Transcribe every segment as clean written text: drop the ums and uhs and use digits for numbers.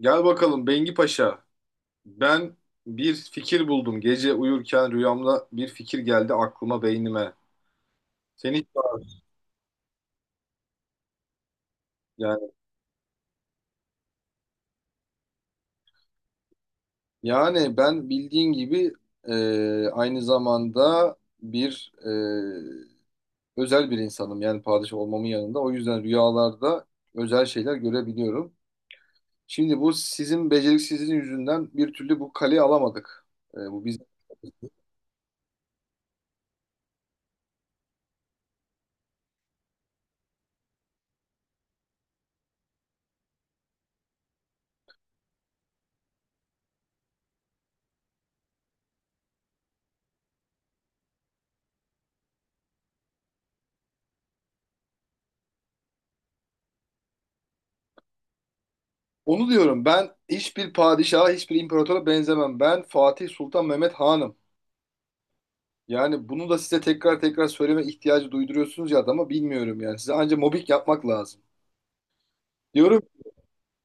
Gel bakalım Bengi Paşa. Ben bir fikir buldum. Gece uyurken rüyamda bir fikir geldi aklıma, beynime. Seni hiç var. Yani, yani, ben bildiğin gibi e, aynı zamanda bir özel bir insanım. Yani padişah olmamın yanında. O yüzden rüyalarda özel şeyler görebiliyorum. Şimdi bu sizin beceriksizliğin yüzünden bir türlü bu kaleyi alamadık. Bu biz onu diyorum. Ben hiçbir padişaha, hiçbir imparatora benzemem. Ben Fatih Sultan Mehmet Hanım. Yani bunu da size tekrar tekrar söyleme ihtiyacı duyduruyorsunuz ya adama, bilmiyorum yani. Size anca mobbing yapmak lazım. Diyorum ki,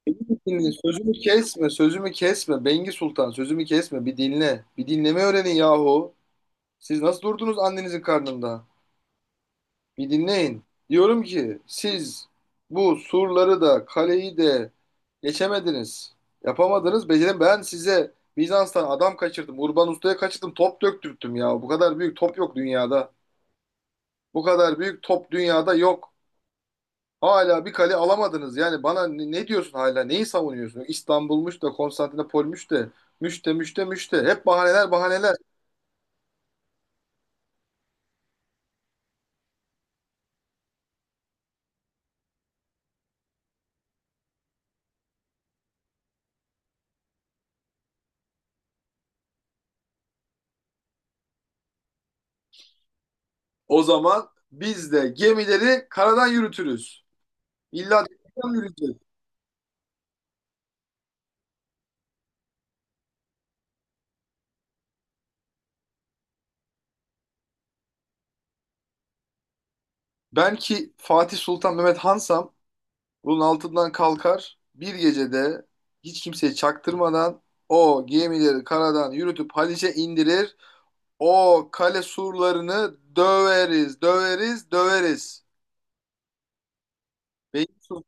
"Beni dinle, sözümü kesme, sözümü kesme. Bengi Sultan sözümü kesme, bir dinle. Bir dinleme öğrenin yahu. Siz nasıl durdunuz annenizin karnında? Bir dinleyin. Diyorum ki siz bu surları da kaleyi de geçemediniz. Yapamadınız. Becerim ben size Bizans'tan adam kaçırdım. Urban Usta'ya kaçırdım. Top döktürttüm ya. Bu kadar büyük top yok dünyada. Bu kadar büyük top dünyada yok. Hala bir kale alamadınız. Yani bana ne, ne diyorsun hala? Neyi savunuyorsun? İstanbul'muş da, Konstantinopolmuş da, müşte müşte müşte. Hep bahaneler, bahaneler. O zaman biz de gemileri karadan yürütürüz. İlla denizden yürütürüz. Ben ki Fatih Sultan Mehmet Hansam, bunun altından kalkar. Bir gecede hiç kimseye çaktırmadan o gemileri karadan yürütüp Haliç'e indirir. O kale surlarını döveriz, döveriz, döveriz. Beylikdüzü,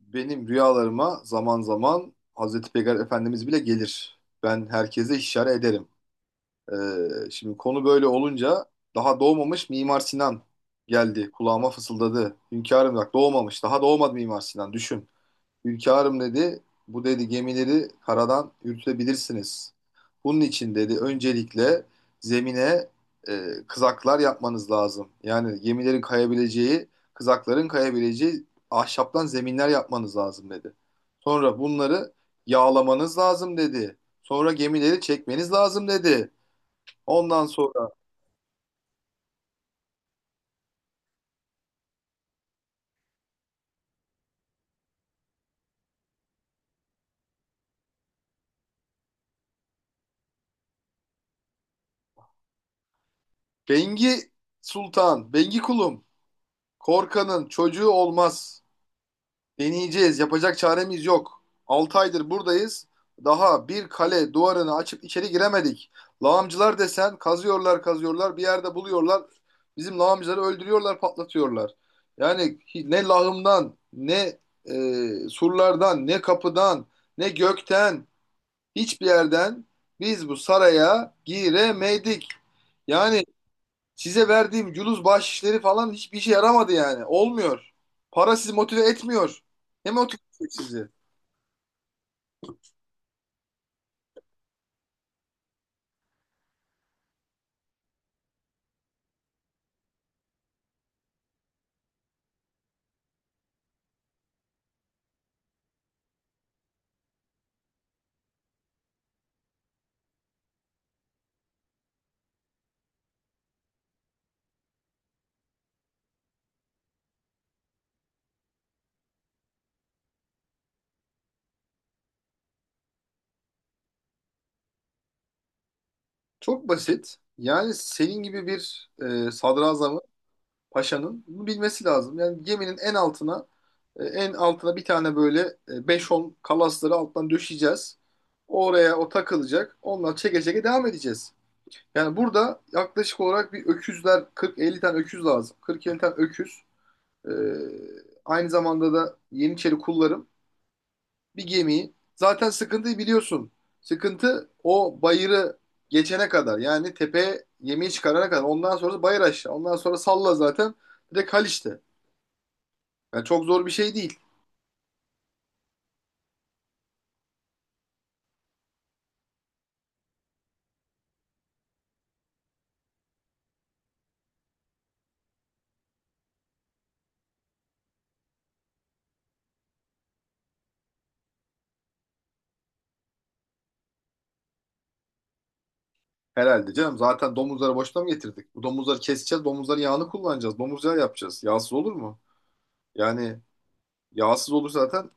benim rüyalarıma zaman zaman Hazreti Peygamber Efendimiz bile gelir. Ben herkese işaret ederim. Şimdi konu böyle olunca daha doğmamış Mimar Sinan geldi. Kulağıma fısıldadı. Hünkârım bak, doğmamış. Daha doğmadı Mimar Sinan. Düşün. Hünkârım dedi, bu dedi gemileri karadan yürütebilirsiniz. Bunun için dedi öncelikle zemine kızaklar yapmanız lazım. Yani gemilerin kayabileceği, kızakların kayabileceği ahşaptan zeminler yapmanız lazım dedi. Sonra bunları yağlamanız lazım dedi. Sonra gemileri çekmeniz lazım dedi. Ondan sonra Bengi Sultan, Bengi kulum, korkanın çocuğu olmaz. Deneyeceğiz. Yapacak çaremiz yok. 6 aydır buradayız. Daha bir kale duvarını açıp içeri giremedik. Lağımcılar desen kazıyorlar kazıyorlar, bir yerde buluyorlar. Bizim lağımcıları öldürüyorlar, patlatıyorlar. Yani ne lağımdan, ne e, surlardan, ne kapıdan, ne gökten, hiçbir yerden biz bu saraya giremedik. Yani, size verdiğim culuz bahşişleri falan hiçbir işe yaramadı yani. Olmuyor. Para sizi motive etmiyor. Ne motive edecek sizi? Çok basit. Yani senin gibi bir sadrazamın, paşanın bunu bilmesi lazım. Yani geminin en altına, en altına bir tane böyle 5-10 kalasları alttan döşeyeceğiz. Oraya o takılacak. Onlar çeke çeke devam edeceğiz. Yani burada yaklaşık olarak bir öküzler, 40-50 tane öküz lazım. 40-50 tane öküz. E, aynı zamanda da Yeniçeri kullarım. Bir gemiyi. Zaten sıkıntıyı biliyorsun. Sıkıntı o bayırı geçene kadar. Yani tepeye yemeği çıkarana kadar. Ondan sonra bayır aşağı. Ondan sonra salla zaten. Direkt Haliç'te. Yani çok zor bir şey değil herhalde canım. Zaten domuzları boşuna mı getirdik? Bu domuzları keseceğiz. Domuzların yağını kullanacağız. Domuz yağı yapacağız. Yağsız olur mu? Yani yağsız olur zaten,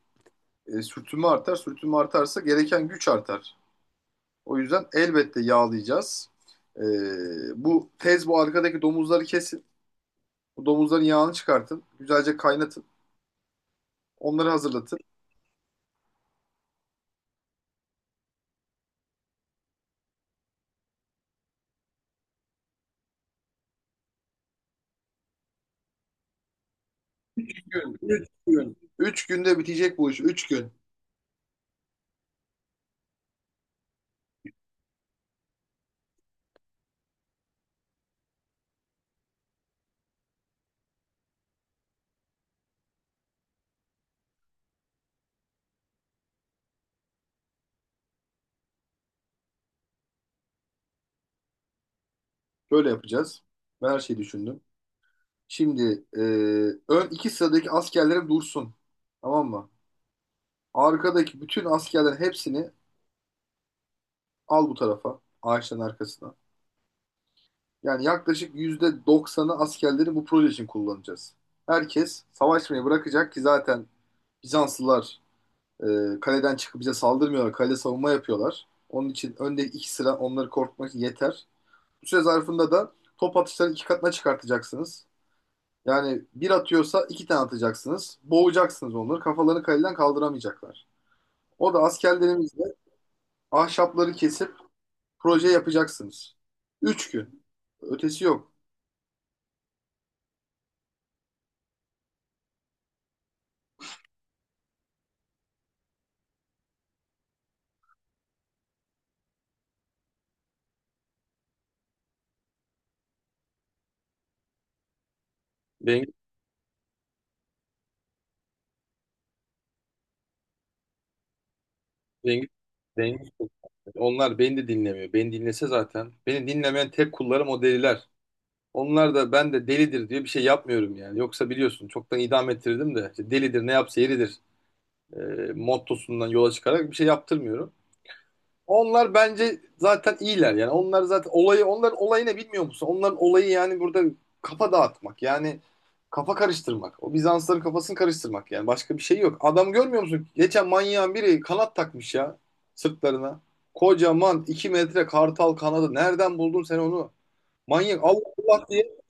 sürtünme artar. Sürtünme artarsa gereken güç artar. O yüzden elbette yağlayacağız. E, bu tez bu arkadaki domuzları kes. Bu domuzların yağını çıkartın. Güzelce kaynatın. Onları hazırlatın. 3 gün, 3 gün. 3 günde bitecek bu iş. 3 gün. Böyle yapacağız. Ben her şeyi düşündüm. Şimdi ön iki sıradaki askerlerim dursun. Tamam mı? Arkadaki bütün askerlerin hepsini al bu tarafa. Ağaçların arkasına. Yani yaklaşık %90 askerleri bu proje için kullanacağız. Herkes savaşmayı bırakacak ki zaten Bizanslılar kaleden çıkıp bize saldırmıyorlar. Kale savunma yapıyorlar. Onun için önde iki sıra onları korkutmak yeter. Bu süre zarfında da top atışlarını iki katına çıkartacaksınız. Yani bir atıyorsa iki tane atacaksınız. Boğacaksınız onları. Kafalarını kaleden kaldıramayacaklar. O da askerlerimizle ahşapları kesip proje yapacaksınız. 3 gün. Ötesi yok. Beni, beni, beni dinlemiyor. Beni dinlese zaten. Beni dinlemeyen tek kullarım o deliler. Onlar da ben de delidir diye bir şey yapmıyorum yani. Yoksa biliyorsun çoktan idam ettirdim de, işte delidir ne yapsa yeridir e, mottosundan yola çıkarak bir şey yaptırmıyorum. Onlar bence zaten iyiler yani. Onlar zaten olayı, onların olayı ne, bilmiyor musun? Onların olayı yani burada kafa dağıtmak, yani kafa karıştırmak. O Bizansların kafasını karıştırmak, yani başka bir şey yok. Adam, görmüyor musun? Geçen manyağın biri kanat takmış ya sırtlarına. Kocaman 2 metre kartal kanadı. Nereden buldun sen onu? Manyak, Allah Allah diye,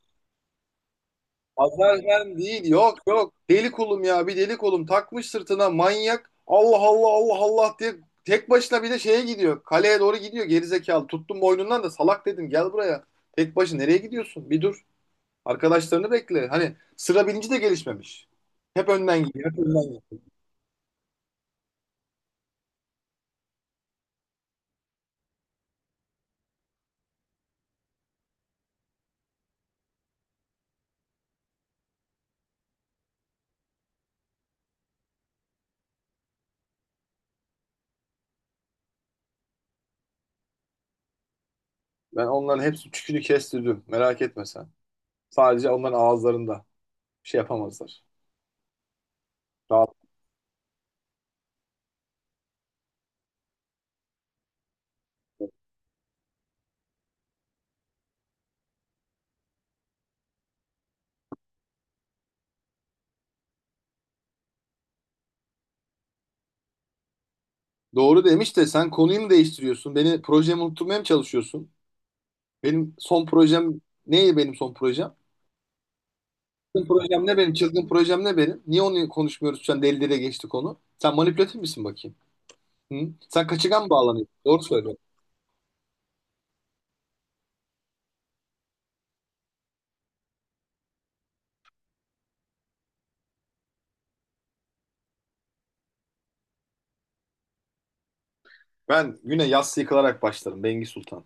Azerben değil. Yok yok. Deli kolum ya. Bir deli kolum takmış sırtına manyak. Allah Allah Allah Allah diye tek başına bir de şeye gidiyor. Kaleye doğru gidiyor gerizekalı. Tuttum boynundan da salak dedim gel buraya. Tek başına nereye gidiyorsun? Bir dur. Arkadaşlarını bekle. Hani sıra bilinci de gelişmemiş. Hep önden gidiyor. Hep önden gidiyor. Ben onların hepsi tükünü kestirdim. Merak etme sen. Sadece onların ağızlarında. Bir şey yapamazlar. Rahat. Doğru demiş de sen konuyu mu değiştiriyorsun? Beni projemi unutturmaya mı çalışıyorsun? Benim son projem neydi, benim son projem? Çılgın projem ne benim? Çılgın projem ne benim? Niye onu konuşmuyoruz şu an? Deli deliye geçti konu. Sen manipülatif misin bakayım? Hı? Sen kaçıgan mı bağlanıyorsun? Doğru söylüyorsun. Ben güne yassı yıkılarak başlarım, Bengi Sultan.